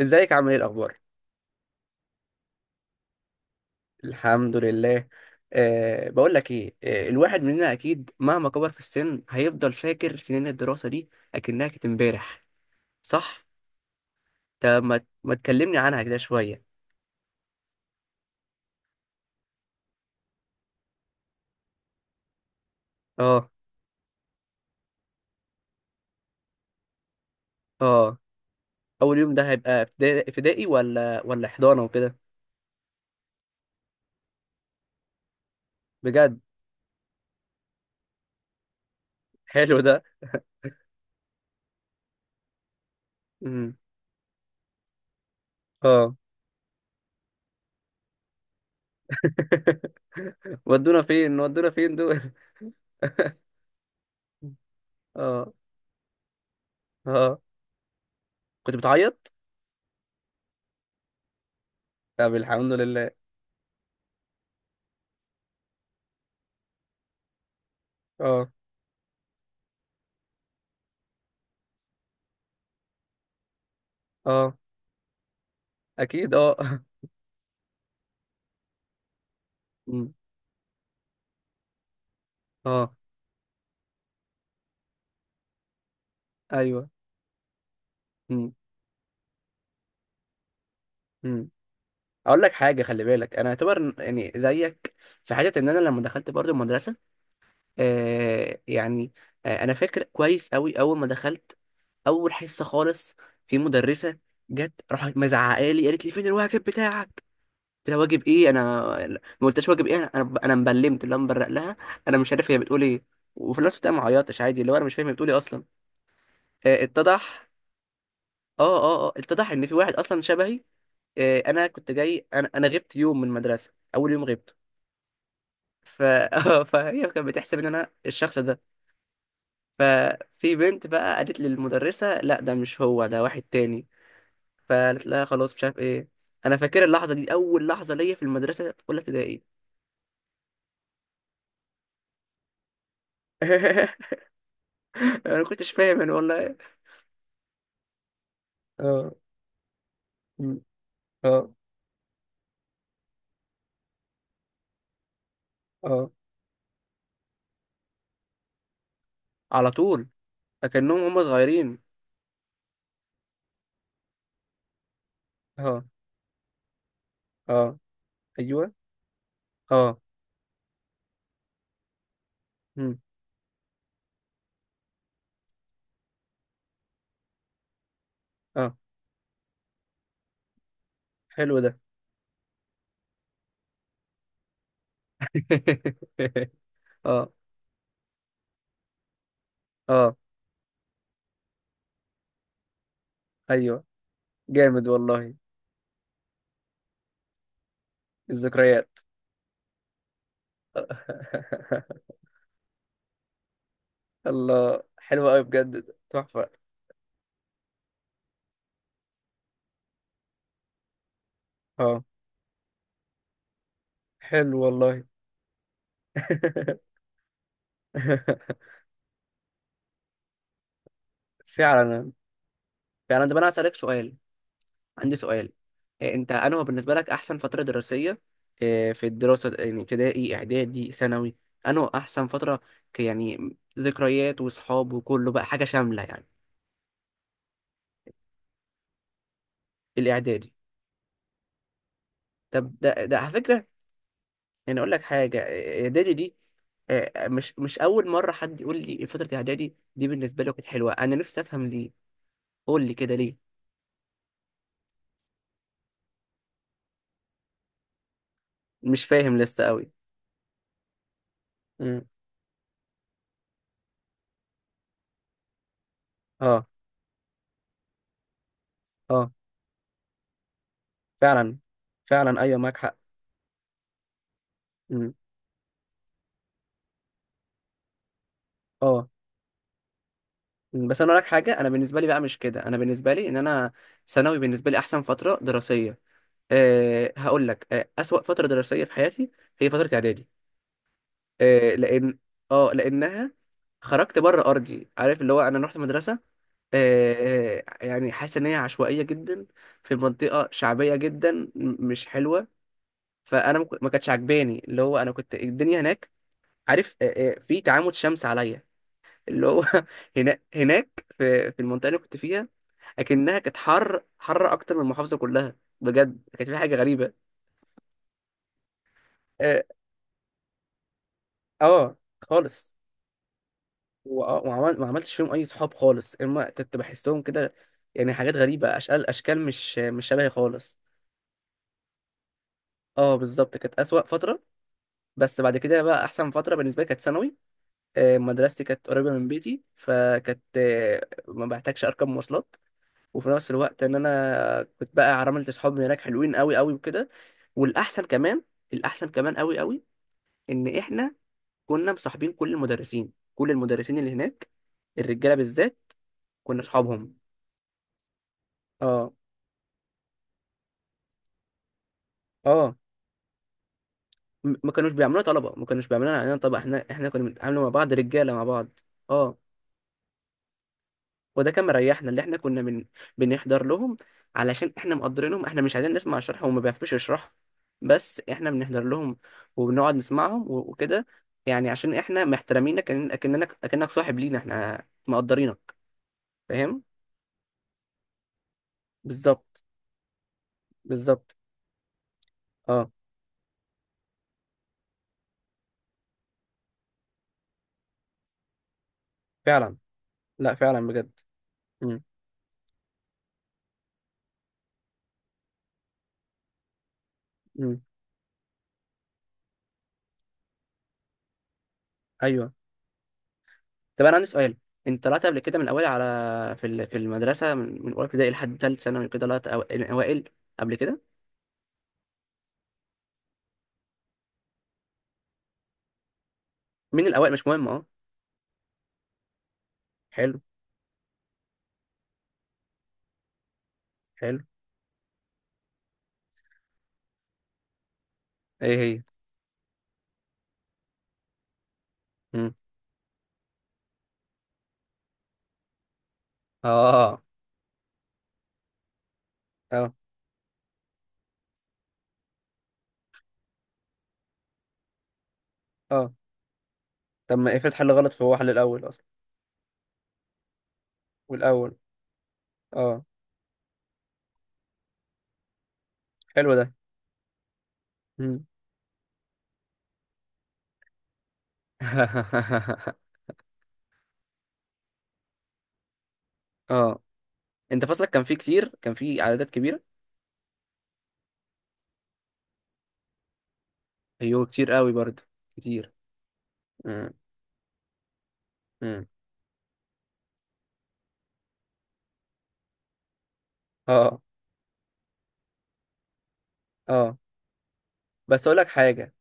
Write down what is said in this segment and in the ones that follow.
ازيك، عامل ايه، الاخبار؟ الحمد لله. بقول لك ايه، الواحد مننا اكيد مهما كبر في السن هيفضل فاكر سنين الدراسه دي اكنها كانت امبارح. صح. طب ما تكلمني عنها كده شويه. اه. اه، اول يوم ده هيبقى ابتدائي ولا حضانه وكده؟ بجد؟ حلو ده. امم. اه. ودونا فين، ودونا فين دول؟ اه. اه، كنت بتعيط؟ طب الحمد لله. اه. اه، اكيد اه. مم. اه. ايوه. امم. امم، اقول لك حاجه، خلي بالك، انا اعتبر يعني زيك، في حته ان انا لما دخلت برضو المدرسه، آه يعني آه، انا فاكر كويس قوي اول ما دخلت. اول حصه خالص في مدرسه جت راحت مزعقه لي، قالت لي فين الواجب بتاعك. قلت لها واجب ايه، انا ما قلتش واجب ايه، انا انا أنا مبلمت، اللي أنا مبرق لها. انا مش عارف هي بتقول ايه. وفي نفس الوقت أنا ما عيطتش عادي، اللي هو انا مش فاهم هي بتقول ايه اصلا. آه، اتضح، اه اتضح ان في واحد اصلا شبهي. انا كنت جاي، انا انا غبت يوم من المدرسه، اول يوم غبته. ف... فهي كانت بتحسب ان انا الشخص ده. ففي بنت بقى قالت لي المدرسه لا، ده مش هو، ده واحد تاني. فقالت لها خلاص مش عارف ايه. انا فاكر اللحظه دي، اول لحظه ليا في المدرسه في اولى ابتدائي. انا ما كنتش فاهم انا والله. اه. م،. اه. اه، على طول، اكنهم هم صغيرين. اه. اه. ايوه. اه. م،. اه. حلو ده. اه. اه. ايوه. جامد والله، الذكريات. الله، حلوة أوي بجد ده، تحفة. اه. حلو والله. فعلا. فعلا، طب أنا هسألك سؤال، عندي سؤال: إيه أنت، أنا هو بالنسبة لك أحسن فترة دراسية، إيه، في الدراسة؟ يعني ابتدائي، إعدادي، ثانوي؟ أنا هو أحسن فترة، يعني ذكريات وصحاب وكله بقى، حاجة شاملة يعني. الإعدادي؟ طب ده على فكرة، يعني اقول لك حاجه، اعدادي دي، آه، مش اول مره حد يقول لي فتره اعدادي دي بالنسبه له كانت حلوه. انا نفسي افهم ليه، قول لي كده ليه. مش فاهم لسه قوي. امم. اه. اه. فعلا. فعلا، ايوه معاك حق. امم. اه. مم. بس انا اقول لك حاجه، انا بالنسبه لي بقى مش كده، انا بالنسبه لي ان انا ثانوي بالنسبه لي احسن فتره دراسيه. هقول لك اسوأ فتره دراسيه في حياتي هي فتره اعدادي. آه، لان، اه، لانها خرجت بره ارضي، عارف، اللي هو انا رحت مدرسه، آه يعني حاسس ان هي عشوائيه جدا، في منطقه شعبيه جدا، مش حلوه. فانا ما كانتش عجباني، اللي هو انا كنت الدنيا هناك، عارف آه، آه، في تعامد شمس عليا، اللي هو هنا هناك في المنطقه اللي كنت فيها اكنها كانت حر اكتر من المحافظه كلها. بجد كانت في حاجه غريبه. اه. آه، خالص. وآه، وعمل ما عملتش فيهم اي صحاب خالص، اما كنت بحسهم كده يعني حاجات غريبه، اشكال مش شبهي خالص. اه بالظبط، كانت اسوأ فتره. بس بعد كده بقى احسن فتره بالنسبه لي كانت ثانوي. آه، مدرستي كانت قريبه من بيتي، فكانت آه، ما بحتاجش اركب مواصلات. وفي نفس الوقت ان انا كنت بقى عملت صحاب هناك حلوين قوي قوي وكده. والاحسن كمان، الاحسن كمان قوي قوي، ان احنا كنا مصاحبين كل المدرسين، كل المدرسين اللي هناك، الرجاله بالذات، كنا صحابهم. اه. اه. ما كانوش بيعملوها طلبه، ما كانوش بيعملوها علينا، طبعا احنا كنا بنتعامل مع بعض رجاله مع بعض. اه، وده كان مريحنا، اللي احنا كنا من بنحضر لهم، علشان احنا مقدرينهم، احنا مش عايزين نسمع شرح وما بيعرفوش يشرحوا، بس احنا بنحضر لهم وبنقعد نسمعهم وكده، يعني عشان احنا محترمينك، اكنك صاحب لينا، احنا مقدرينك. فاهم. بالظبط. بالظبط. اه. فعلا. لا فعلا بجد. مم. مم. ايوه. طب انا عندي سؤال: انت طلعت قبل كده من الاول على في في المدرسه، من من اولى ابتدائي لحد ثالث ثانوي كده طلعت الاوائل قبل كده؟ مين الاوائل، مش مهم اه. حلو. حلو. ايه هي؟ مم. اه. اه. اه، طب ما افرض حل غلط فهو حل الاول اصلا والاول. اه. حلو ده. مم. اه، انت فصلك كان فيه كتير، كان فيه عددات كبيره؟ ايوه كتير قوي برضه. كتير. مم. مم. اه. اه. بس اقول لك حاجه،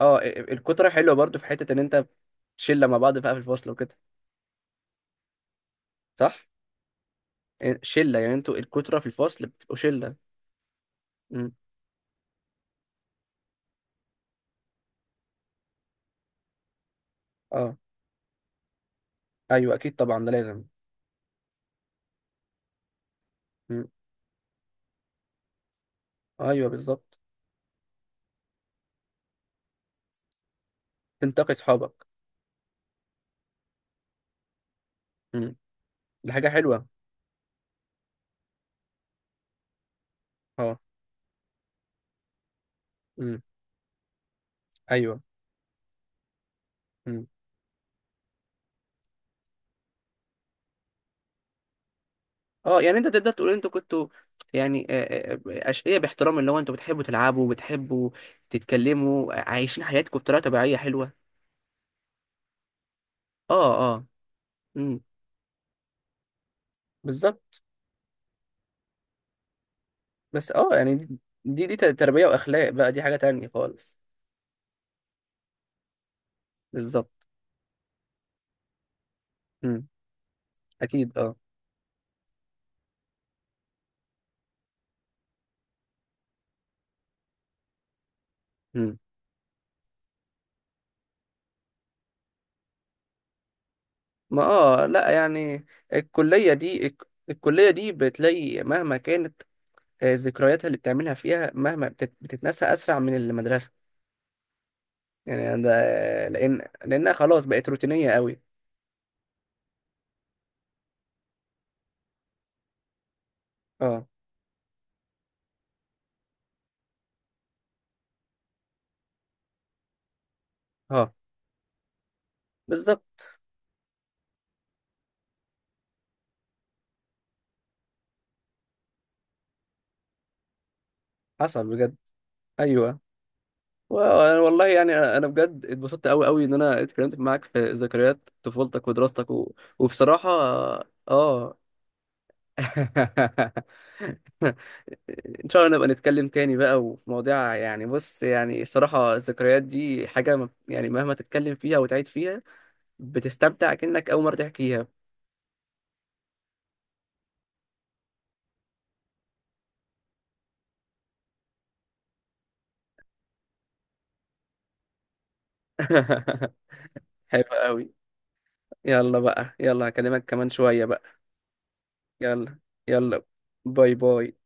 اه، الكترة حلوة برضو في حتة ان انت شلة مع بعض بقى في الفصل وكده، صح؟ شلة، يعني انتوا الكترة في الفصل بتبقوا شلة. امم. اه. ايوه اكيد طبعا ده لازم. امم. ايوه بالظبط. تنتقي صحابك. امم. دي حاجة حلوة. اه. امم. ايوه. امم. اه يعني انت تقدر تقول انتوا كنتوا، يعني آه، اشقياء باحترام، اللي هو انتوا بتحبوا تلعبوا وبتحبوا تتكلموا، عايشين حياتكم بطريقة طبيعية حلوة. اه. اه. امم. بالظبط. بس اه يعني دي، دي تربية واخلاق بقى، دي حاجة تانية خالص. بالظبط. مم. اكيد اه. مم. ما اه لا يعني الكلية دي، الكلية دي بتلاقي مهما كانت آه، ذكرياتها اللي بتعملها فيها مهما بتتنسى اسرع من المدرسة، يعني ده لان، لانها خلاص بقت روتينية قوي. اه. اه. بالظبط. حصل بجد. ايوه. و- والله يعني أنا بجد اتبسطت قوي قوي ان انا اتكلمت معاك في ذكريات طفولتك ودراستك و... وبصراحة اه ان شاء الله نبقى نتكلم تاني بقى، وفي مواضيع، يعني بص يعني الصراحة الذكريات دي حاجة يعني مهما تتكلم فيها وتعيد فيها بتستمتع كأنك أول مرة تحكيها. حلو قوي. يلا بقى، يلا هكلمك كمان شوية بقى. يلا. يلا. باي باي.